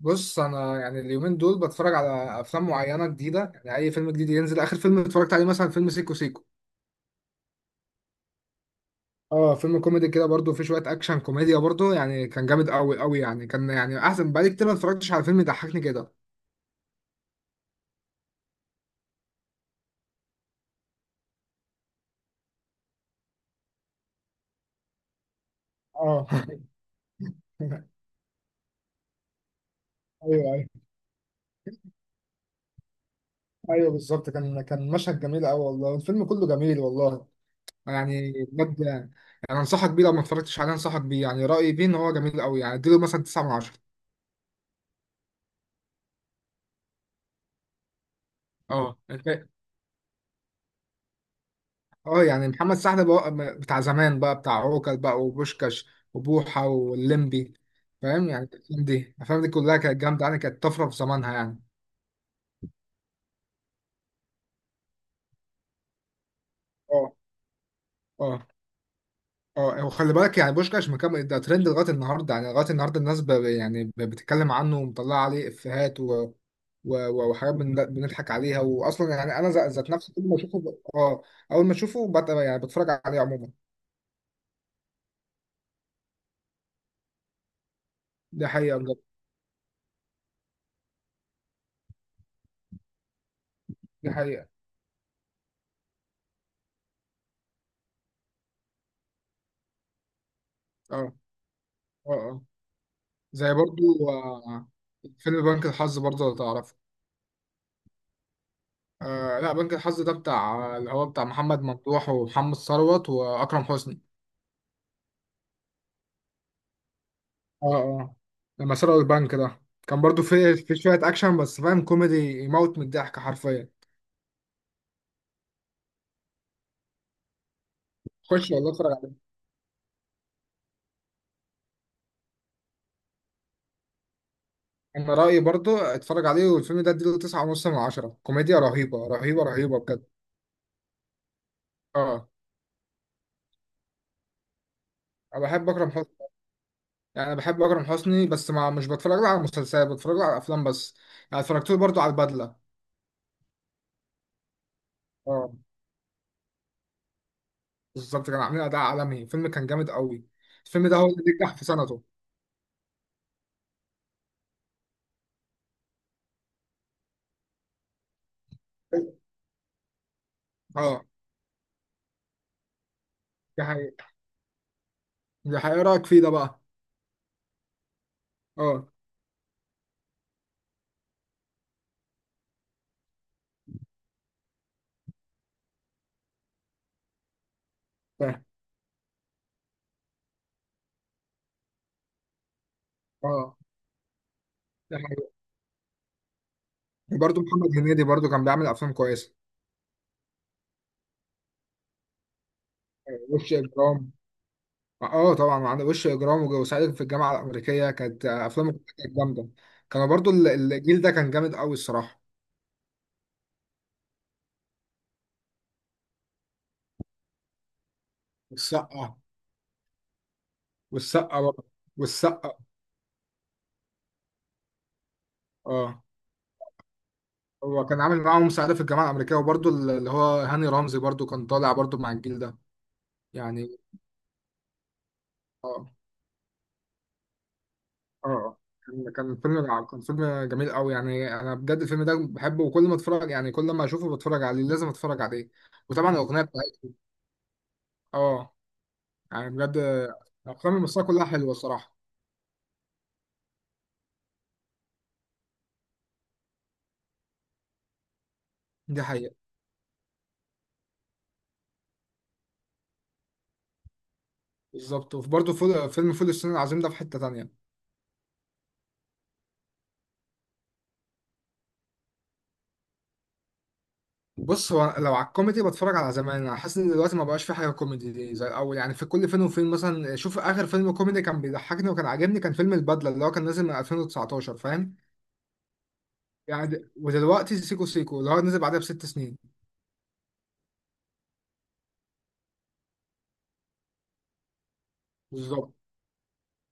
بص انا يعني اليومين دول بتفرج على افلام معينه جديده، يعني اي فيلم جديد ينزل. اخر فيلم اتفرجت عليه مثلا فيلم سيكو سيكو. اه، فيلم كوميدي كده، برضو فيه شويه اكشن كوميديا برضو، يعني كان جامد قوي قوي يعني كان يعني احسن بقالي كتير ما اتفرجتش على فيلم يضحكني كده. اه ايوه، ايوه. ايوه بالظبط، كان مشهد جميل قوي والله، الفيلم كله جميل والله. يعني بجد يعني. انصحك بيه لو ما اتفرجتش عليه، انصحك بيه، يعني رايي بيه ان هو جميل قوي، يعني اديله مثلا 9 من 10. اه انت. اه، يعني محمد سعد بقى بتاع زمان بقى، بتاع عوكل بقى، وبوشكاش وبوحة واللمبي. فاهم؟ يعني الأفلام دي كلها كانت جامدة، يعني كانت طفرة في زمانها يعني. اه. اه، اه وخلي بالك يعني بوشكاش مكمل، ده ترند لغاية النهاردة، يعني لغاية النهاردة الناس بتتكلم عنه ومطلعة عليه إفيهات و وحاجات بنضحك عليها. وأصلا يعني أنا ذات نفسي كل ما أشوفه ب... اه أول ما أشوفه يعني بتفرج عليه عموما. دي حقيقة بجد، دي حقيقة. اه، اه، اه. زي برضو آه، فيلم بنك الحظ برضو لو تعرفه. آه لا، بنك الحظ ده بتاع اللي هو بتاع محمد ممدوح ومحمد ثروت واكرم حسني. اه، اه، لما سرقوا البنك ده كان برضو في شويه اكشن، بس فاهم كوميدي يموت من الضحك حرفيا. خش والله اتفرج عليه. انا رايي برضو اتفرج عليه، والفيلم ده اديله تسعة ونص من عشرة، كوميديا رهيبه رهيبه رهيبه بجد. اه، انا بحب اكرم حسني. يعني بحب اكرم حسني بس ما مش بتفرج له على مسلسلات، بتفرج له على افلام بس. يعني اتفرجت له برضو على البدله. اه بالظبط، كانوا عاملين اداء عالمي، الفيلم كان جامد قوي. الفيلم ده هو اللي نجح في سنته. اه، دي حقيقة، دي حقيقة. إيه رأيك فيه ده بقى؟ اه فاهم. اه، دي حقيقة. برضه محمد هنيدي برضه كان بيعمل افلام كويسة. آه، وش اجرام. اه طبعا، عندك وش اجرام وصعيدي في الجامعة الأمريكية. كانت آه، افلامه كانت جامدة. كانوا برضه الجيل ده كان جامد قوي الصراحة. والسقا، والسقا برضه، والسقا. اه، هو كان عامل معاهم صعيدي في الجامعة الأمريكية، وبرضه اللي هو هاني رمزي برضه كان طالع برضه مع الجيل ده يعني. اه، اه. كان فيلم جميل قوي، يعني انا بجد الفيلم ده بحبه، وكل ما اتفرج يعني كل ما اشوفه بتفرج عليه، لازم اتفرج عليه. وطبعا الاغنيه بتاعته. اه، يعني بجد. الافلام المصريه كلها حلوه الصراحه. دي حقيقه. بالظبط، وبرده فول، فيلم فول الصين العظيم ده في حته تانية. بص، هو لو على الكوميدي بتفرج على زمان، انا حاسس ان دلوقتي ما بقاش في حاجه كوميدي دي زي الاول، يعني في كل فين وفين. مثلا شوف اخر فيلم كوميدي كان بيضحكني وكان عاجبني، كان فيلم البدله اللي هو كان نازل من 2019 فاهم؟ يعني ودلوقتي سيكو سيكو اللي هو نزل بعدها بست سنين. بالظبط،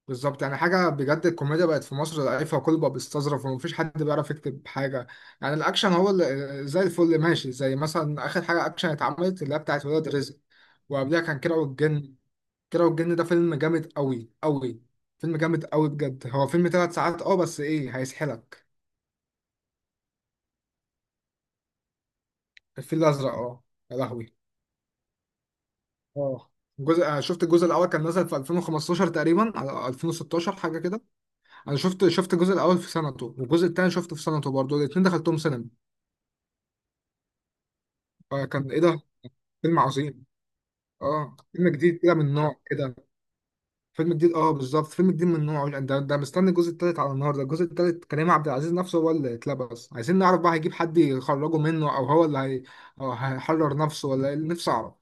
بالظبط. يعني حاجة بجد، الكوميديا بقت في مصر ضعيفة، وكل بقى بيستظرف ومفيش حد بيعرف يكتب حاجة. يعني الأكشن هو اللي زي الفل ماشي، زي مثلا آخر حاجة أكشن اتعملت اللي هي بتاعت ولاد رزق. وقبلها كان كيرة والجن. كيرة والجن ده فيلم جامد أوي أوي، فيلم جامد أوي بجد. هو فيلم تلات ساعات أه، بس إيه هيسحلك. الفيل الأزرق أه، يا لهوي. أه، الجزء، أنا شفت الجزء الأول كان نزل في 2015 تقريبا على 2016، حاجة كده. انا شفت الجزء الاول في سنته، والجزء الثاني شفته في سنته برضه، الاثنين دخلتهم سينما. فكان ايه ده، فيلم عظيم. اه، فيلم جديد كده من نوع كده، فيلم جديد، اه بالظبط، فيلم جديد من نوعه. ده ده مستني الجزء الثالث على النهارده. الجزء الثالث كريم عبد العزيز نفسه هو اللي اتلبس، عايزين نعرف بقى هيجيب حد يخرجه منه، او هو اللي أو هيحرر نفسه ولا ايه، نفسي اعرف.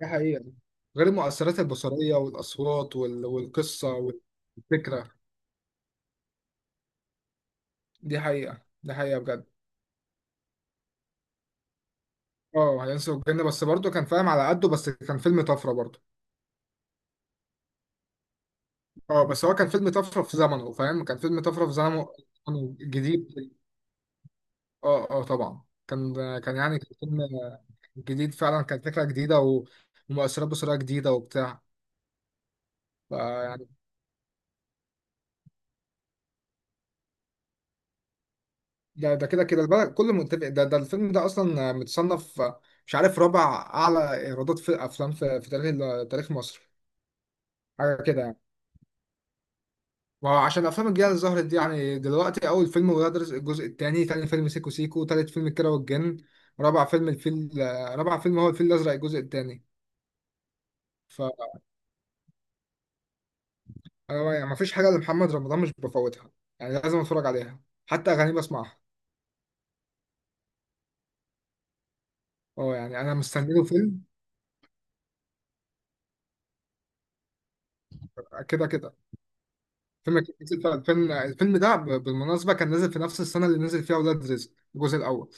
دي حقيقة. غير المؤثرات البصرية والاصوات والقصة والفكرة. دي حقيقة، دي حقيقة بجد. اه هينسوا الجنة، بس برضه كان فاهم على قده، بس كان فيلم طفرة برضه. اه، بس هو كان فيلم طفره في زمنه فاهم، كان فيلم طفره في زمنه. كان جديد. اه، اه طبعا كان. كان يعني كان فيلم جديد فعلا، كانت فكره جديده و ومؤثرات بصريه جديده وبتاع. فيعني ده كده كده البلد كله متفق. ده الفيلم ده اصلا متصنف مش عارف رابع اعلى ايرادات في افلام في، في تاريخ تاريخ مصر، حاجه كده يعني. ما هو عشان الافلام الجديده اللي ظهرت دي، يعني دلوقتي اول فيلم ولاد رزق الجزء الثاني، ثاني فيلم سيكو سيكو، ثالث فيلم الكيرة والجن، رابع فيلم الفيل، آه، رابع فيلم هو الفيل الازرق الجزء الثاني. ف، أنا يعني ما فيش حاجه لمحمد رمضان مش بفوتها، يعني لازم اتفرج عليها، حتى اغاني بسمعها. اه، يعني انا مستني له فيلم. كده كده فيلم كان نازل في 2000، الفيلم ده بالمناسبه كان نازل في نفس السنه اللي نزل فيها ولاد رزق الجزء الاول.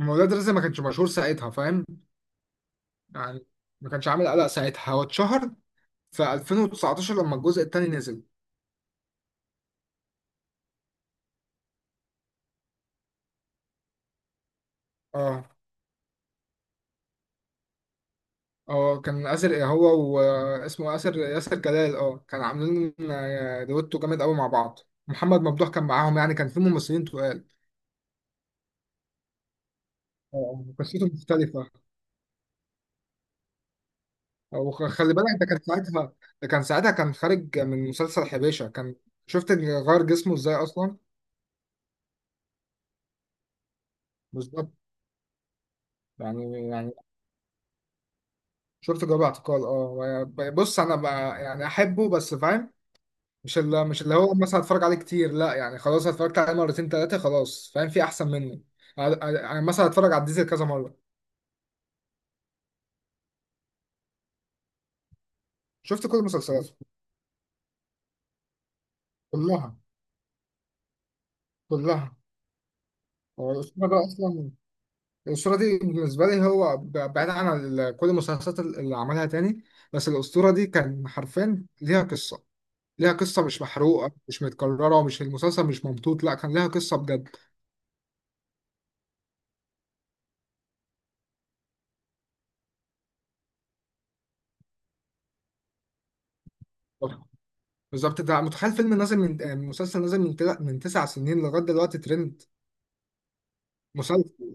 اما ولاد رزق ما كانش مشهور ساعتها فاهم، يعني ما كانش عامل قلق ساعتها، هو اتشهر في 2019 لما الجزء التاني نزل. اه، اه كان آسر، إيه هو واسمه آسر، ياسر جلال، اه كان عاملين آه، دويتو جامد قوي مع بعض. محمد ممدوح كان معاهم، يعني كان في ممثلين تقال. اه قصته مختلفة. وخلي بالك ده كان ساعتها، ده كان ساعتها كان خارج من مسلسل حبيشة كان. شفت إن غير جسمه ازاي اصلا. بالظبط، يعني يعني. شفت جواب اعتقال اه. بص انا بقى يعني احبه بس فاهم، مش اللي هو مثلا هتفرج عليه كتير لا، يعني خلاص اتفرجت عليه مرتين تلاتة خلاص، فاهم في احسن منه. يعني مثلا هتفرج على الديزل كذا مرة. شفت كل المسلسلات، كلها، كلها. هو الأسطورة ده أصلا، الأسطورة دي بالنسبة لي هو بعيد عن كل المسلسلات اللي عملها تاني، بس الأسطورة دي كان حرفيا ليها قصة، ليها قصة مش محروقة، مش متكررة، ومش المسلسل مش ممطوط، لا كان ليها قصة بجد. بالظبط، ده متخيل فيلم نازل من آه، مسلسل نازل من من تسع سنين لغاية دلوقتي ترند، مسلسل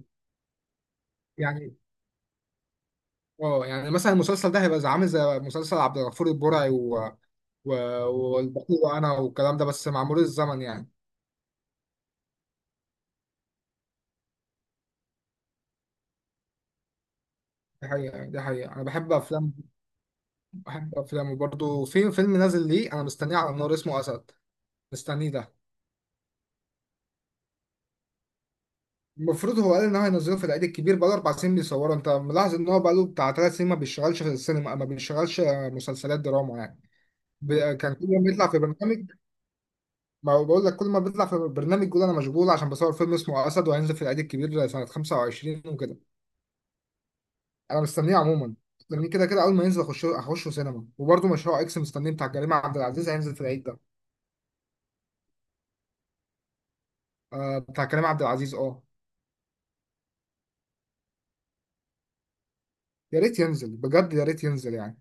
يعني. اه، يعني مثلا المسلسل ده هيبقى عامل زي مسلسل عبد الغفور البرعي و والبخيل وانا والكلام ده، بس مع مرور الزمن يعني. دي حقيقة، دي حقيقة. انا بحب افلام، بحب افلام. وبرضه في فيلم نازل ليه انا مستنيه على النار، اسمه اسد، مستنيه ده. المفروض هو قال ان هو هينزله في العيد الكبير، بقاله اربع سنين بيصوره. انت ملاحظ ان هو بقاله بتاع ثلاث سنين ما بيشتغلش في السينما، ما بيشتغلش مسلسلات دراما يعني. كان كل ما بيطلع في برنامج، ما هو بقول لك كل ما بيطلع في برنامج يقول انا مشغول عشان بصور فيلم اسمه اسد وهينزل في العيد الكبير سنة 25 وكده. انا مستنيه عموما، مستنيه كده كده، اول ما ينزل اخش، اخشه سينما. وبرده مشروع اكس مستنيه، بتاع كريم عبد العزيز، هينزل في العيد ده. آه بتاع كريم عبد العزيز اه. يا ريت ينزل بجد، يا ريت ينزل يعني.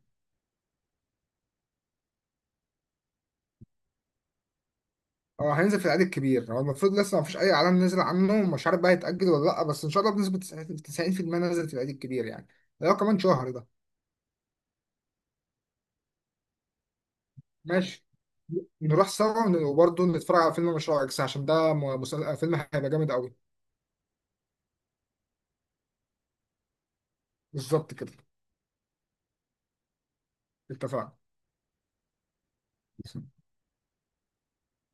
اه هينزل في العيد الكبير، هو المفروض، لسه ما فيش اي اعلان نزل عنه، مش عارف بقى يتاجل ولا لا، بس ان شاء الله بنسبه 90% نزل في العيد الكبير يعني، ده كمان شهر ده. ماشي، نروح سوا، وبرده نتفرج على فيلم مشروع اكس عشان ده فيلم هيبقى جامد قوي. بالظبط كده، اتفقنا.